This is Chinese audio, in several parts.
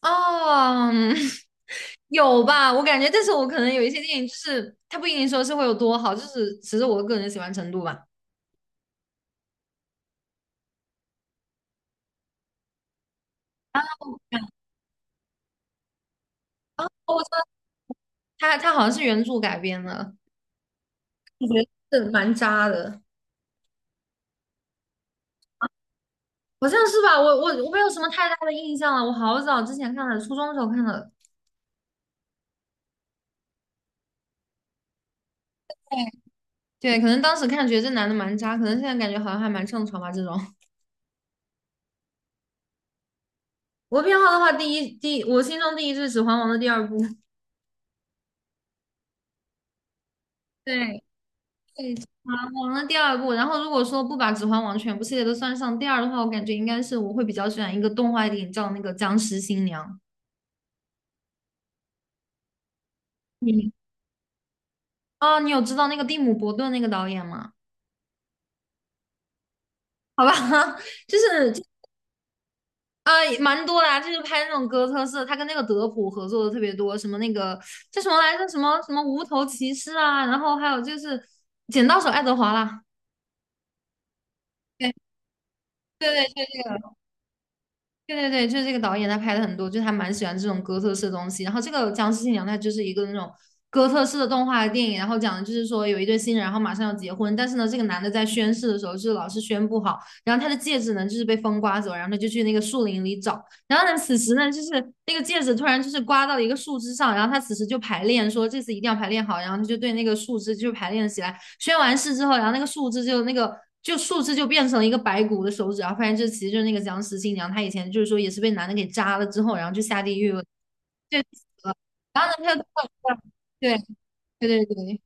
哦，嗯 有吧？我感觉，但是我可能有一些电影，就是它不一定说是会有多好，就是只是我个人的喜欢程度吧。啊，它好像是原著改编的。我觉得是蛮渣的。好像是吧？我没有什么太大的印象了，我好早之前看的，初中的时候看的。对，对，可能当时看觉得这男的蛮渣，可能现在感觉好像还蛮正常吧。这种 我偏好的话，第一，我心中第一就是《指环王》的第二部。对，对，《指环王》的第二部，然后如果说不把《指环王》全部系列都算上第二的话，我感觉应该是我会比较喜欢一个动画电影叫那个《僵尸新娘》。你哦，你有知道那个蒂姆·伯顿那个导演吗？好吧。就是就啊、也蛮多的啊，就是拍那种哥特式，他跟那个德普合作的特别多，什么那个叫什么来着，什么无头骑士啊，然后还有就是《剪刀手爱德华》啦。对对对，就这个。对对对，就是这个导演他拍的很多，就是他蛮喜欢这种哥特式的东西。然后这个《僵尸新娘》它就是一个那种哥特式的动画电影，然后讲的就是说有一对新人，然后马上要结婚。但是呢，这个男的在宣誓的时候就是老是宣不好，然后他的戒指呢就是被风刮走，然后他就去那个树林里找。然后呢，此时呢就是那个戒指突然就是刮到了一个树枝上，然后他此时就排练说这次一定要排练好，然后他就对那个树枝就排练起来。宣完誓之后，然后那个树枝就变成了一个白骨的手指，然后发现这其实就是那个僵尸新娘。她以前就是说也是被男的给扎了之后，然后就下地狱了，对，死了。然后呢，她又对对对对，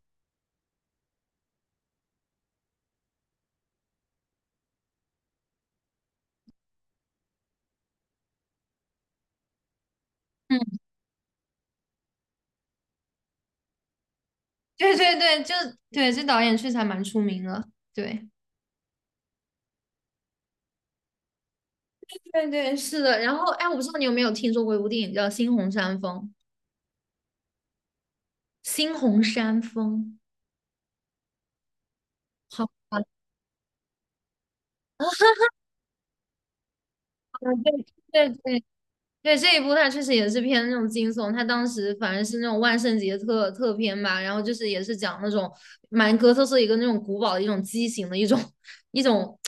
嗯，对对对，就对，这导演确实还蛮出名的。对对对，是的。然后哎，我不知道你有没有听说过一部电影叫《猩红山峰》？《猩红山峰》。好吧。对对对，对，这一部它确实也是偏那种惊悚，它当时反正是那种万圣节特片吧，然后就是也是讲那种蛮哥特色一个那种古堡的一种畸形的一种 一种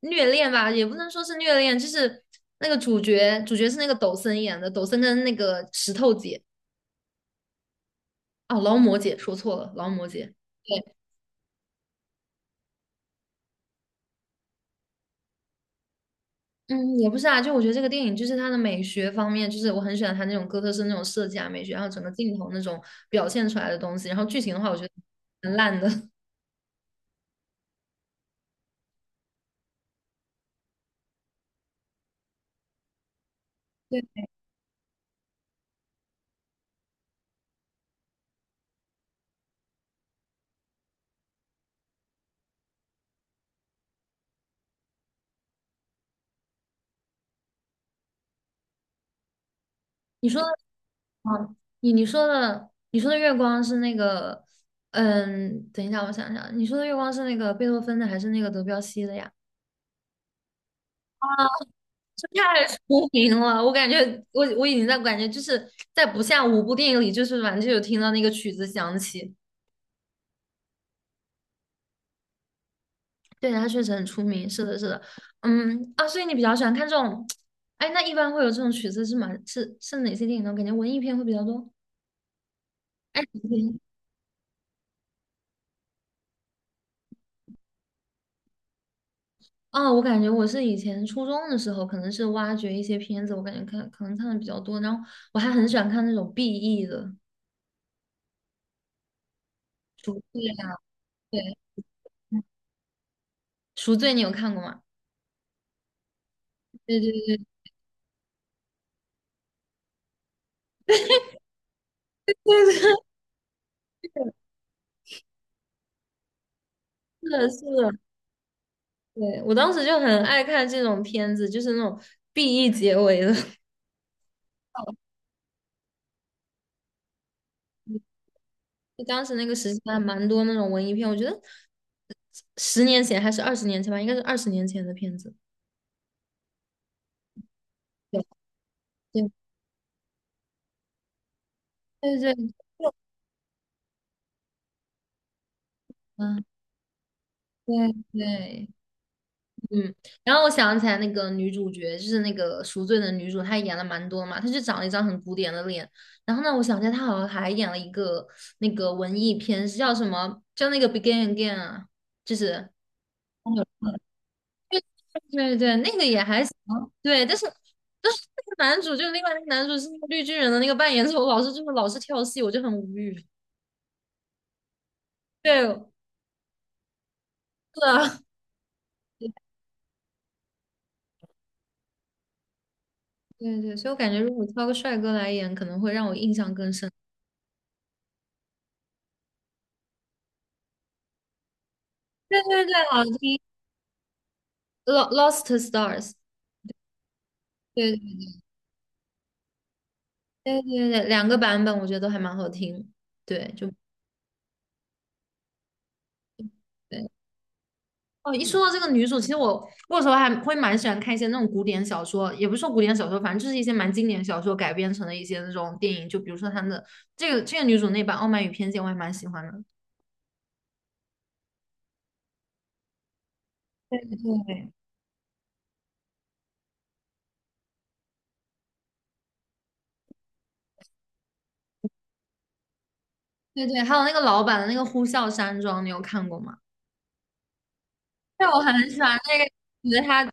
虐恋吧，也不能说是虐恋，就是那个主角是那个抖森演的，抖森跟那个石头姐哦劳模姐说错了，劳模姐。对。嗯，也不是啊，就我觉得这个电影就是它的美学方面，就是我很喜欢它那种哥特式那种设计啊美学，然后整个镜头那种表现出来的东西，然后剧情的话，我觉得很烂的。对，你说的，嗯，你说的，你说的月光是那个，嗯，等一下，我想想，你说的月光是那个贝多芬的还是那个德彪西的呀？这太出名了，我感觉我已经在感觉就是在不下五部电影里，就是反正就有听到那个曲子响起。对，它确实很出名，是的，是的，嗯啊，所以你比较喜欢看这种，哎，那一般会有这种曲子是吗？是哪些电影呢？我感觉文艺片会比较多。哎，啊，我感觉我是以前初中的时候，可能是挖掘一些片子，我感觉看可能看的比较多，然后我还很喜欢看那种 BE 的赎罪啊，对，嗯赎罪你有看过吗？对对对对对，是的，是的，对，我当时就很爱看这种片子，就是那种 BE 结尾的。就当时那个时期还蛮多那种文艺片，我觉得十年前还是二十年前吧，应该是二十年前的片子。对对对对，嗯，对对。嗯，然后我想起来那个女主角，就是那个赎罪的女主，她演了蛮多嘛，她就长了一张很古典的脸。然后呢，我想起来她好像还演了一个那个文艺片，是叫什么？叫那个《Begin Again》啊，就是，对。 对对，那个也还行，对，但是那个男主就另外那个男主是那个绿巨人的那个扮演者，我老是就是老是跳戏，我就很无语。对，是啊，对对，所以我感觉如果挑个帅哥来演，可能会让我印象更深。对对对，好听。Lost Stars。对对对对，对两个版本我觉得都还蛮好听。对，就对哦。一说到这个女主，其实我有时候还会蛮喜欢看一些那种古典小说，也不是说古典小说，反正就是一些蛮经典小说改编成的一些那种电影。就比如说他们的这个女主那版《傲慢与偏见》，我还蛮喜欢的。对对对，还有那个老版的那个《呼啸山庄》，你有看过吗？对，我很喜欢那个，觉得她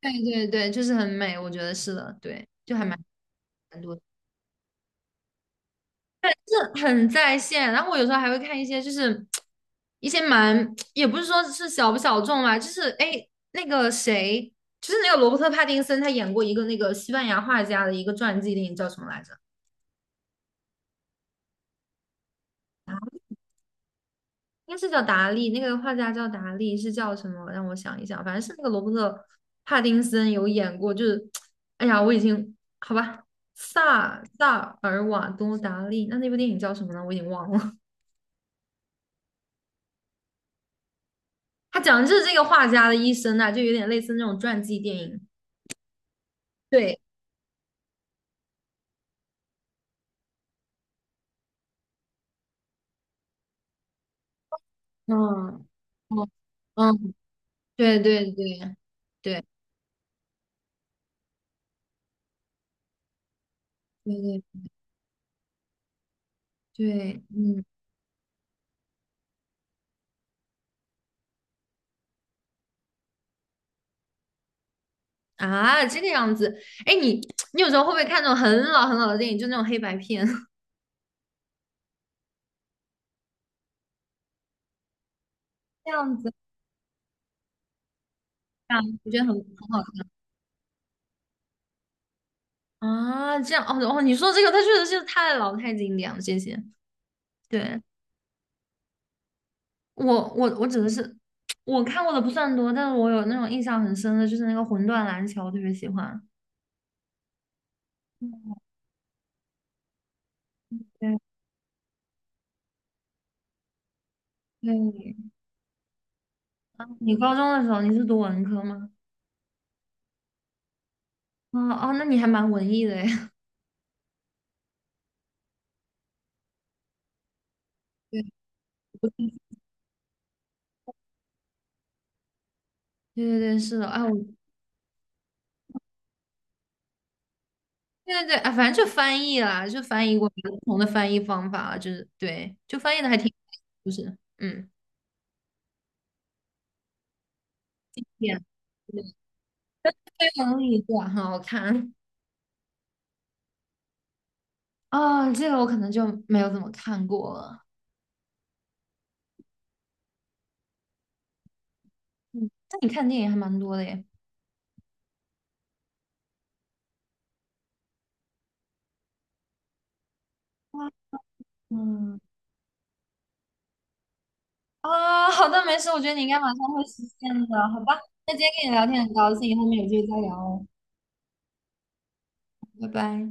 对对对，就是很美，我觉得是的，对，就还蛮。蛮多。很在线。然后我有时候还会看一些，就是一些蛮，也不是说是小不小众吧，就是哎，那个谁，就是那个罗伯特·帕丁森，他演过一个那个西班牙画家的一个传记电影，叫什么来着？应该是叫达利，那个画家叫达利，是叫什么？让我想一想，反正是那个罗伯特·帕丁森有演过，就是，哎呀，我已经好吧。萨尔瓦多·达利，那部电影叫什么呢？我已经忘了。他讲的就是这个画家的一生啊，就有点类似那种传记电影。对，嗯哦，嗯，对对对对对对对，嗯啊，这个样子。哎，你有时候会不会看那种很老很老的电影，就那种黑白片 这样子啊？我觉得很好看啊。这样哦哦，你说这个，它确实是太老太经典了。谢谢。对，我我指的是我看过的不算多，但是我有那种印象很深的，就是那个《魂断蓝桥》，我特别喜欢。嗯对对，啊你高中的时候你是读文科吗？哦哦，那你还蛮文艺的诶。对，对对对，是的，啊，我对对对，啊，反正就翻译啦，就翻译过不同的翻译方法，就是对，就翻译的还挺，就是嗯，对对，这能力对啊，很好看。啊。这个我可能就没有怎么看过了。嗯，但你看电影还蛮多的耶。哇嗯，啊，好的，没事，我觉得你应该马上会实现的，好吧？那今天跟你聊天很高兴，后面有机会再聊哦，拜拜。